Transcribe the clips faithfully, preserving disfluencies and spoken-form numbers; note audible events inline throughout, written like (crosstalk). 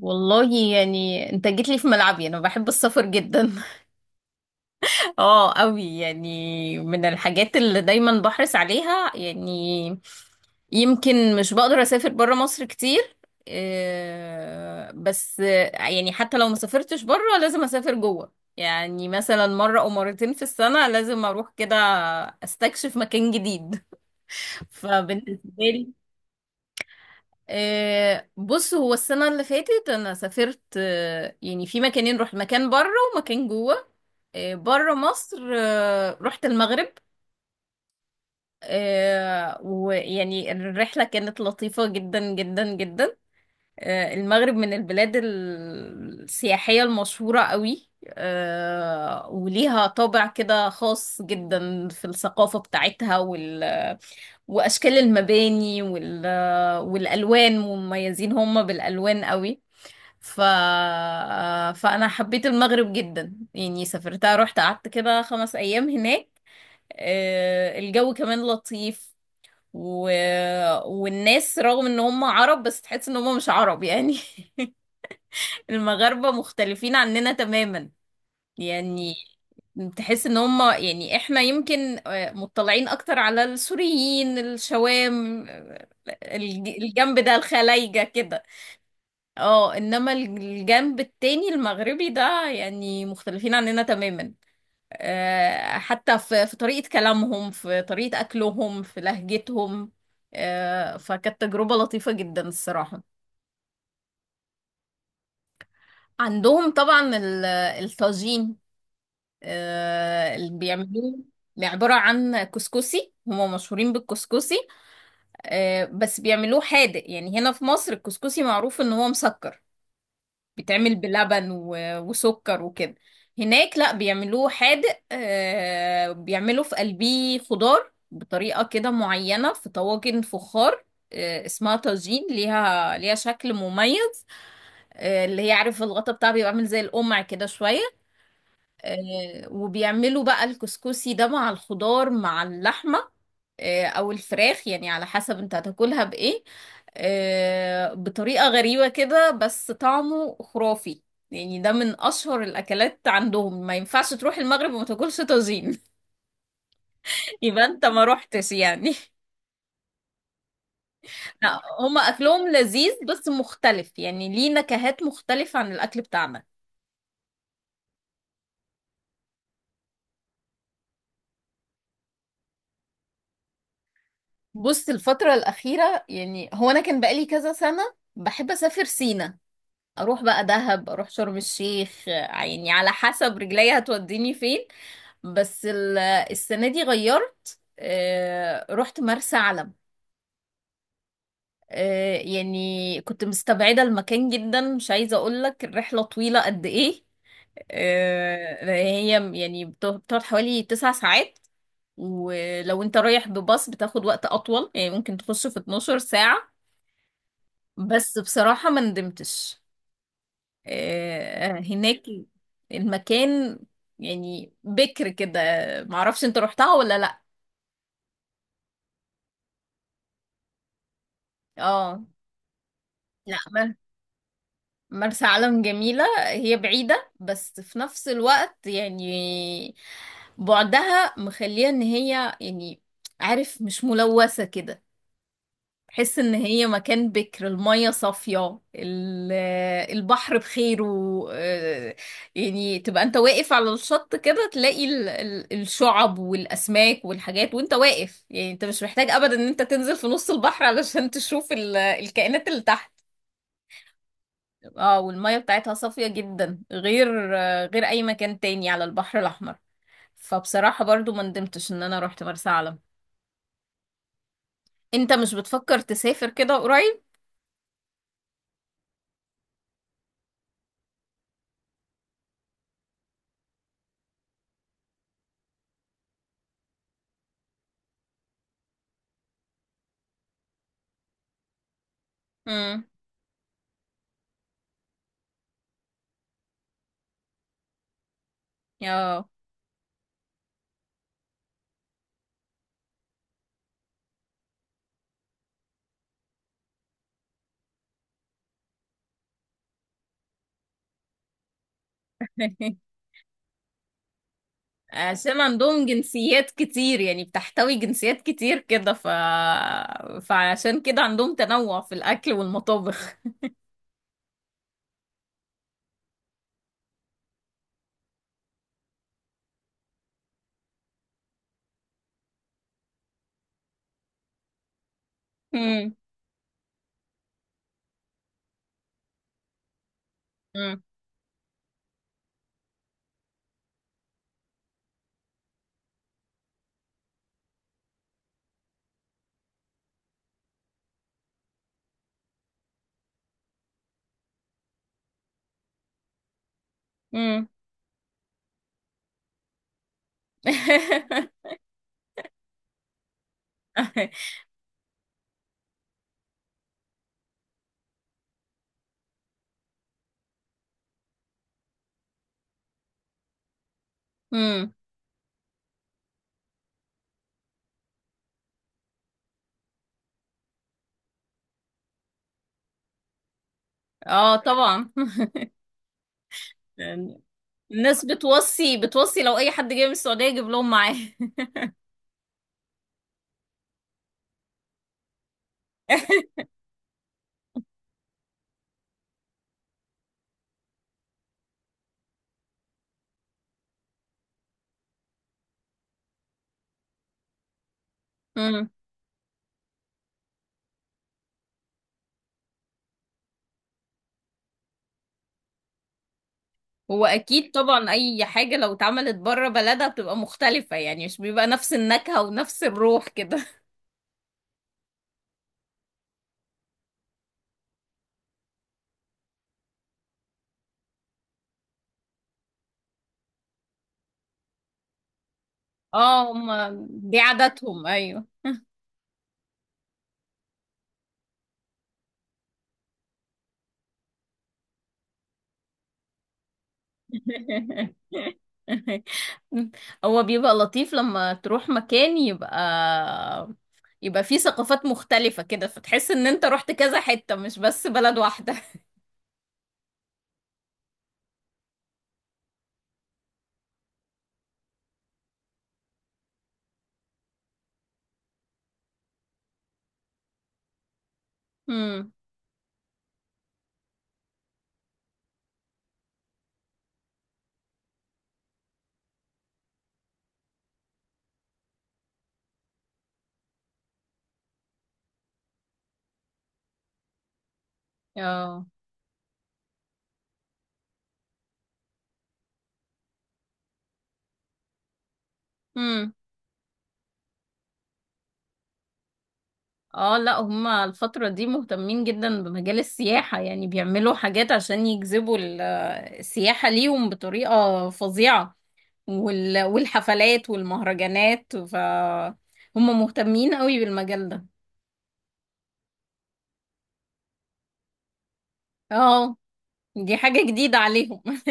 والله يعني انت جيت لي في ملعبي، انا بحب السفر جدا. (laughs) اه قوي، يعني من الحاجات اللي دايما بحرص عليها. يعني يمكن مش بقدر اسافر برا مصر كتير، آه، بس، آه، يعني حتى لو ما سافرتش برا لازم اسافر جوه، يعني مثلا مرة او مرتين في السنة لازم اروح كده استكشف مكان جديد. (laughs) فبالنسبة لي، آه، بص، هو السنة اللي فاتت أنا سافرت، آه، يعني في مكانين، رحت مكان بره ومكان جوه. آه، بره مصر، آه، رحت المغرب. آه، ويعني الرحلة كانت لطيفة جدا جدا جدا. آه، المغرب من البلاد ال- السياحية المشهورة قوي، آه، وليها طابع كده خاص جدا في الثقافة بتاعتها وال... وأشكال المباني وال... والألوان، مميزين هم بالألوان قوي. ف... فأنا حبيت المغرب جدا، يعني سافرتها رحت قعدت كده خمس أيام هناك. آه، الجو كمان لطيف، و... والناس رغم ان هم عرب بس تحس ان هم مش عرب يعني. (laughs) المغاربة مختلفين عننا تماما يعني. تحس ان هم، يعني احنا يمكن، آه، مطلعين اكتر على السوريين الشوام، آه، الج- الجنب ده الخلايجة كده. اه، انما الجنب التاني المغربي ده يعني مختلفين عننا تماما، آه، حتى في في طريقة كلامهم، في طريقة اكلهم، في لهجتهم. آه، فكانت تجربة لطيفة جدا الصراحة. عندهم طبعا ال- الطاجين، آه، اللي بيعملوه. يعني عبارة عن كسكسي، هما مشهورين بالكسكسي، آه، بس بيعملوه حادق. يعني هنا في مصر الكسكسي معروف ان هو مسكر، بيتعمل بلبن و- وسكر وكده. هناك لا، بيعملوه حادق، آه، بيعملوا في قلبيه خضار بطريقة كده معينة في طواجن فخار، آه، اسمها طاجين، ليها ليها شكل مميز. آه، اللي هي عارف الغطا بتاعها بيبقى عامل زي القمع كده شوية. آه، وبيعملوا بقى الكسكسي ده مع الخضار مع اللحمة، آه، أو الفراخ يعني على حسب انت هتاكلها بإيه، آه، بطريقة غريبة كده بس طعمه خرافي. يعني ده من أشهر الأكلات عندهم، ما ينفعش تروح المغرب وما تاكلش طاجين. (laughs) يبقى انت ما روحتش يعني. لا، هما أكلهم لذيذ بس مختلف، يعني ليه نكهات مختلفة عن الأكل بتاعنا. بص، الفترة الأخيرة يعني، هو أنا كان بقالي كذا سنة بحب أسافر سينا، اروح بقى دهب، اروح شرم الشيخ، آه، يعني على حسب رجليا هتوديني فين. بس ال- السنة دي غيرت، آه، رحت مرسى علم. آه، يعني كنت مستبعدة المكان جدا، مش عايزة اقولك الرحلة طويلة قد ايه. آه، هي يعني بت- بتقعد حوالي تسع ساعات، ولو انت رايح بباص بتاخد وقت اطول، يعني ممكن تخش في اتناشر ساعة. بس بصراحة ما ندمتش. آه، هناك المكان يعني بكر كده. معرفش انت روحتها ولا لا. اه، لا، مر- مرسى علم جميلة. هي بعيدة بس في نفس الوقت يعني بعدها مخليها ان هي يعني، عارف، مش ملوثة كده. تحس ان هي مكان بكر، المية صافية، ال- البحر بخيره. آه، يعني تبقى انت واقف على الشط كده تلاقي ال- ال- الشعب والاسماك والحاجات وانت واقف، يعني انت مش محتاج ابدا ان انت تنزل في نص البحر علشان تشوف ال- الكائنات اللي تحت. اه، والمية بتاعتها صافية جدا، غير، آه، غير اي مكان تاني على البحر الاحمر. فبصراحة برضو ما ندمتش ان انا رحت مرسى علم. انت مش بتفكر تسافر كده قريب؟ امم، اه. (laughs) عشان عندهم جنسيات كتير، يعني بتحتوي جنسيات كتير كده، ف... فعشان كده عندهم تنوع في الأكل والمطابخ. مم. مم. مم. (laughs) مم. اه طبعا. (laughs) يعني الناس بتوصي، بتوصي لو أي حد جاي من السعودية يجيب لهم معاه. (laughs) مم. هو أكيد طبعا، أي حاجة لو اتعملت بره بلدها بتبقى مختلفة، يعني مش بيبقى نفس النكهة ونفس الروح كده. (laughs) اه، هم، دي عاداتهم، أيوه. (laughs) هو بيبقى لطيف لما تروح مكان يبقى، يبقى فيه ثقافات مختلفة كده، فتحس ان انت رحت كذا حتة مش بس بلد واحدة. (laughs) امم، اه، امم، اه، لا، هما الفترة دي مهتمين جدا بمجال السياحة، يعني بيعملوا حاجات عشان يجذبوا ال- السياحة ليهم بطريقة فظيعة، وال- والحفلات والمهرجانات. ف هم مهتمين قوي بالمجال ده. اه، دي حاجة جديدة عليهم. (laughs)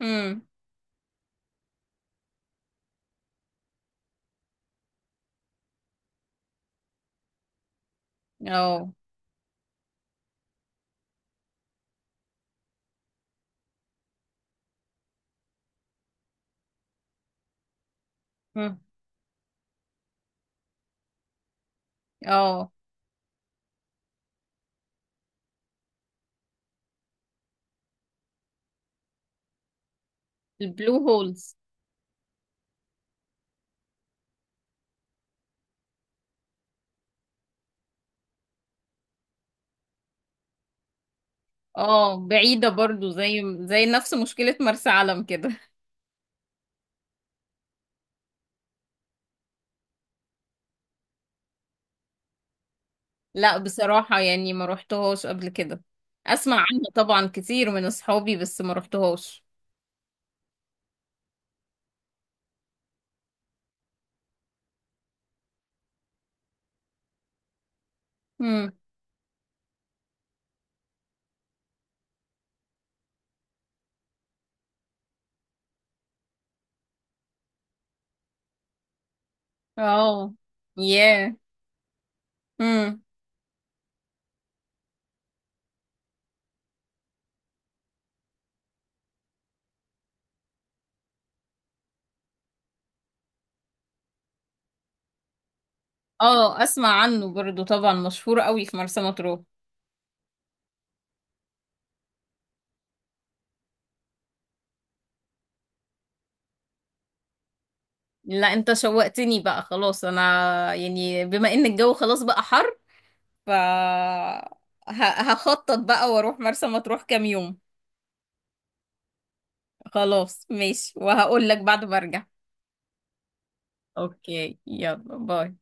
امم، اه. مم. اه، البلو هولز، اه، بعيدة برضو، زي زي نفس مشكلة مرسى علم كده. لا بصراحة، يعني ما روحتهاش قبل كده. اسمع عنها طبعا كتير من اصحابي بس ما روحتهاش. امم، اه، ياه، امم، اه، اسمع عنه برضو طبعا، مشهور قوي في مرسى مطروح. لا انت شوقتني بقى خلاص، انا يعني بما ان الجو خلاص بقى حر، ف ه- هخطط بقى واروح مرسى مطروح كام يوم. خلاص ماشي، وهقول لك بعد ما ارجع. اوكي يلا باي.